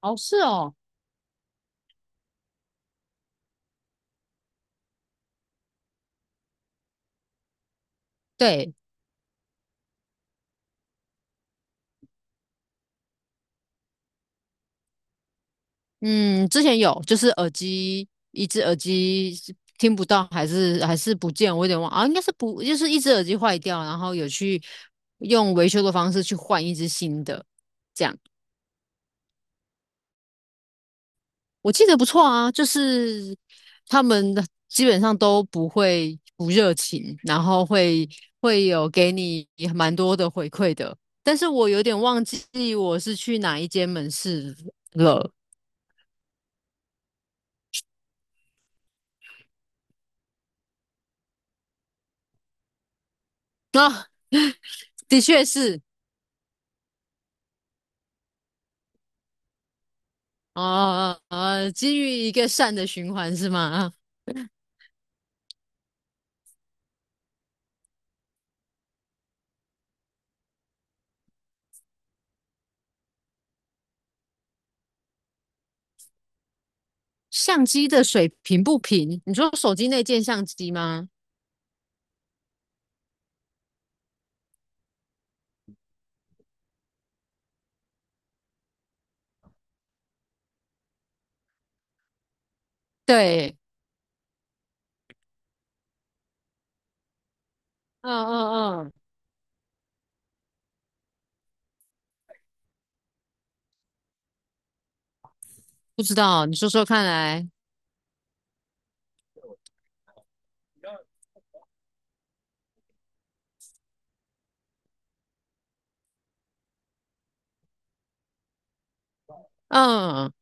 哦，是哦，对，嗯，之前有，就是耳机，一只耳机是听不到，还是不见，我有点忘啊，应该是不，就是一只耳机坏掉，然后有去用维修的方式去换一只新的，这样我记得不错啊，就是他们的基本上都不会不热情，然后会有给你蛮多的回馈的，但是我有点忘记我是去哪一间门市了，的确是。哦哦哦，基于一个善的循环是吗？相机的水平不平？你说手机内件相机吗？对，嗯嗯嗯，不知道，你说说看来。嗯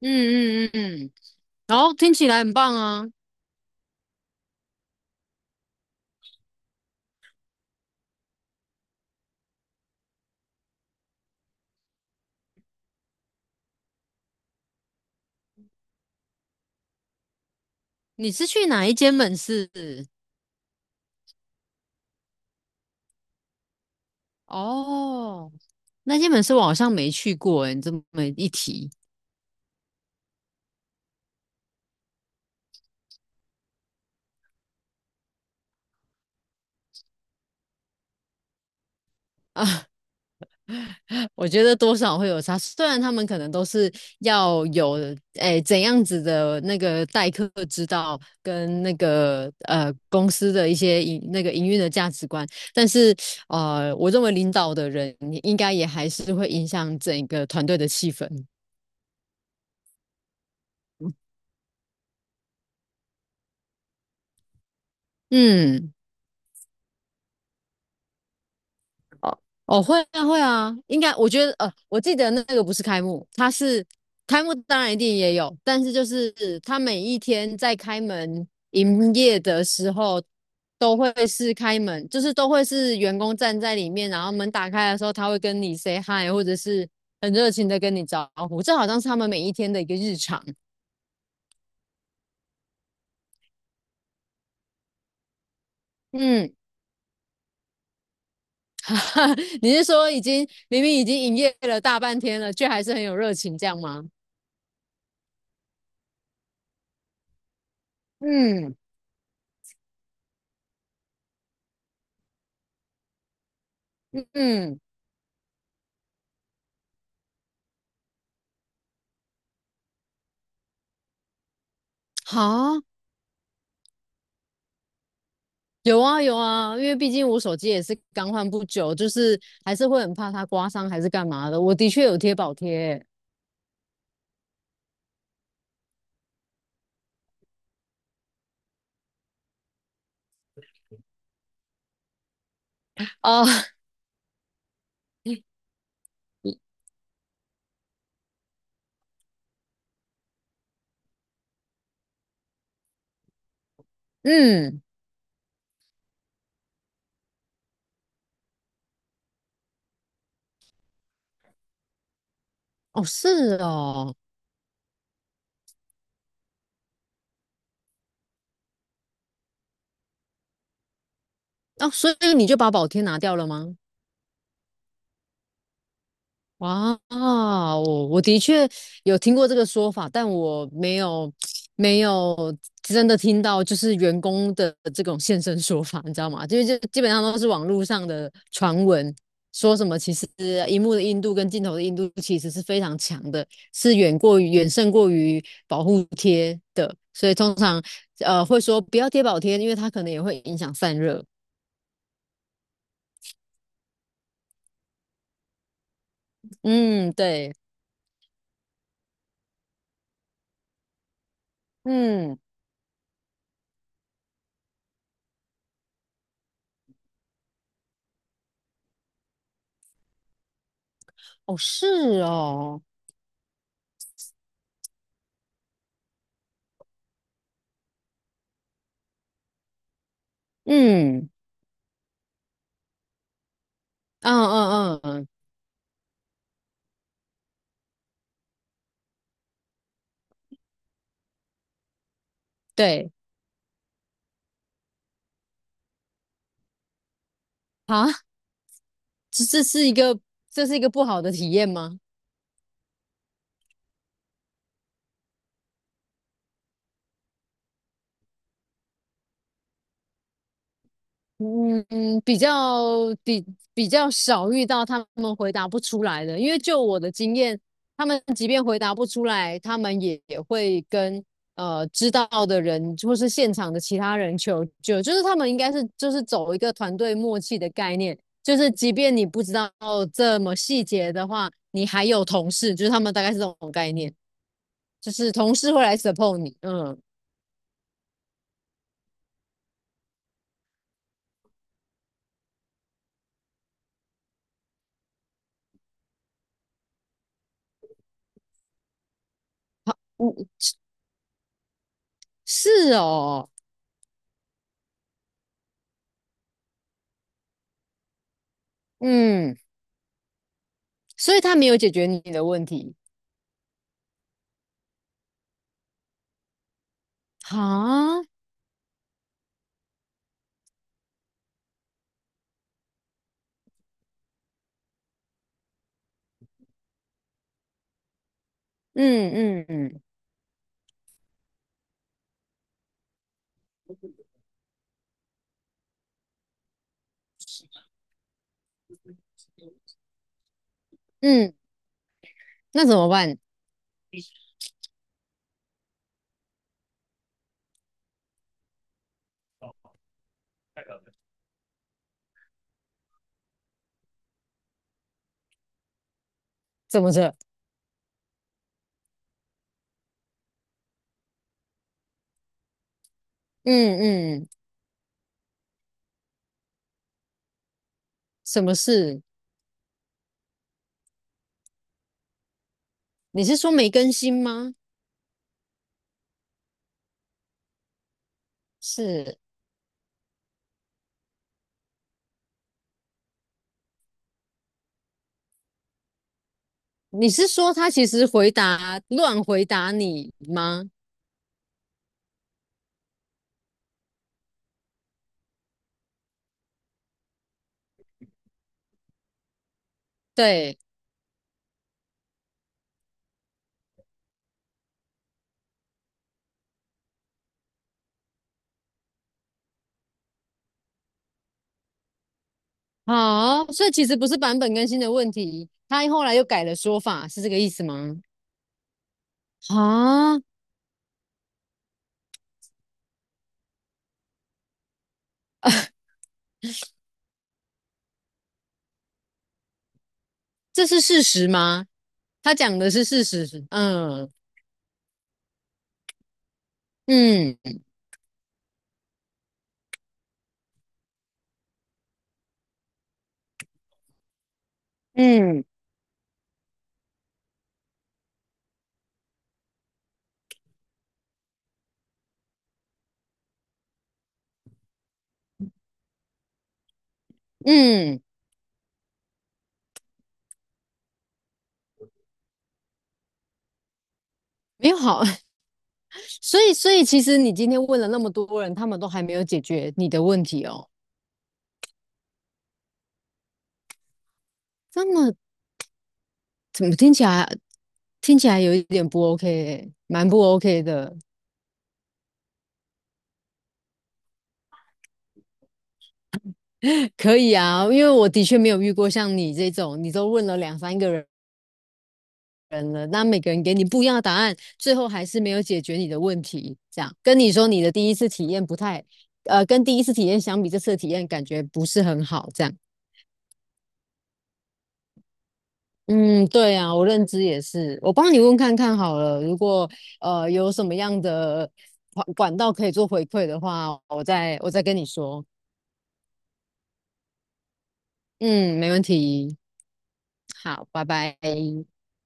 嗯嗯嗯嗯，然后听起来很棒啊。你是去哪一间门市？哦，那间门市我好像没去过诶，你这么一提。我觉得多少会有差，虽然他们可能都是要有诶怎样子的那个待客之道，跟那个公司的一些营那个营运的价值观，但是我认为领导的人应该也还是会影响整个团队的气氛。嗯。哦，哦，会啊，会啊，应该我觉得，我记得那个不是开幕，它是开幕，当然一定也有，但是就是他每一天在开门营业的时候，都会是开门，就是都会是员工站在里面，然后门打开的时候，他会跟你 say hi，或者是很热情的跟你招呼，这好像是他们每一天的一个日常。嗯，哈哈，你是说已经明明已经营业了大半天了，却还是很有热情这样吗？嗯嗯，好。有啊有啊，因为毕竟我手机也是刚换不久，就是还是会很怕它刮伤还是干嘛的。我的确有贴保贴啊，嗯，哦是哦，哦，所以你就把保贴拿掉了吗？哇，我的确有听过这个说法，但我没有没有真的听到，就是员工的这种现身说法，你知道吗？就是就基本上都是网络上的传闻，说什么其实荧幕的硬度跟镜头的硬度其实是非常强的，是远过于远胜过于保护贴的，所以通常会说不要贴保贴，因为它可能也会影响散热。嗯，对，嗯，哦是哦，嗯。嗯嗯嗯嗯，对啊，这是一个这是一个不好的体验吗？嗯嗯，比较比比较少遇到他们回答不出来的，因为就我的经验，他们即便回答不出来，他们也会跟知道的人或是现场的其他人求救，就是他们应该是就是走一个团队默契的概念，就是即便你不知道这么细节的话，你还有同事，就是他们大概是这种概念。就是同事会来 support 你，嗯，嗯，是哦，嗯，所以他没有解决你的问题，哈，嗯嗯嗯嗯，那怎么办？怎么着？嗯嗯，什么事？你是说没更新吗？是，你是说他其实回答乱回答你吗？对，好，所以其实不是版本更新的问题，他后来又改了说法，是这个意思吗？啊，这是事实吗？他讲的是事实，嗯嗯嗯嗯，没有好，所以所以其实你今天问了那么多人，他们都还没有解决你的问题哦，这么怎么听起来听起来有一点不 OK，欸蛮不 OK 的。可以啊，因为我的确没有遇过像你这种，你都问了两三个人，人了，那每个人给你不一样的答案，最后还是没有解决你的问题。这样跟你说，你的第一次体验不太，跟第一次体验相比，这次的体验感觉不是很好。这样，嗯，对啊，我认知也是。我帮你问看看好了，如果有什么样的管道可以做回馈的话，我再跟你说。嗯，没问题。好，拜拜。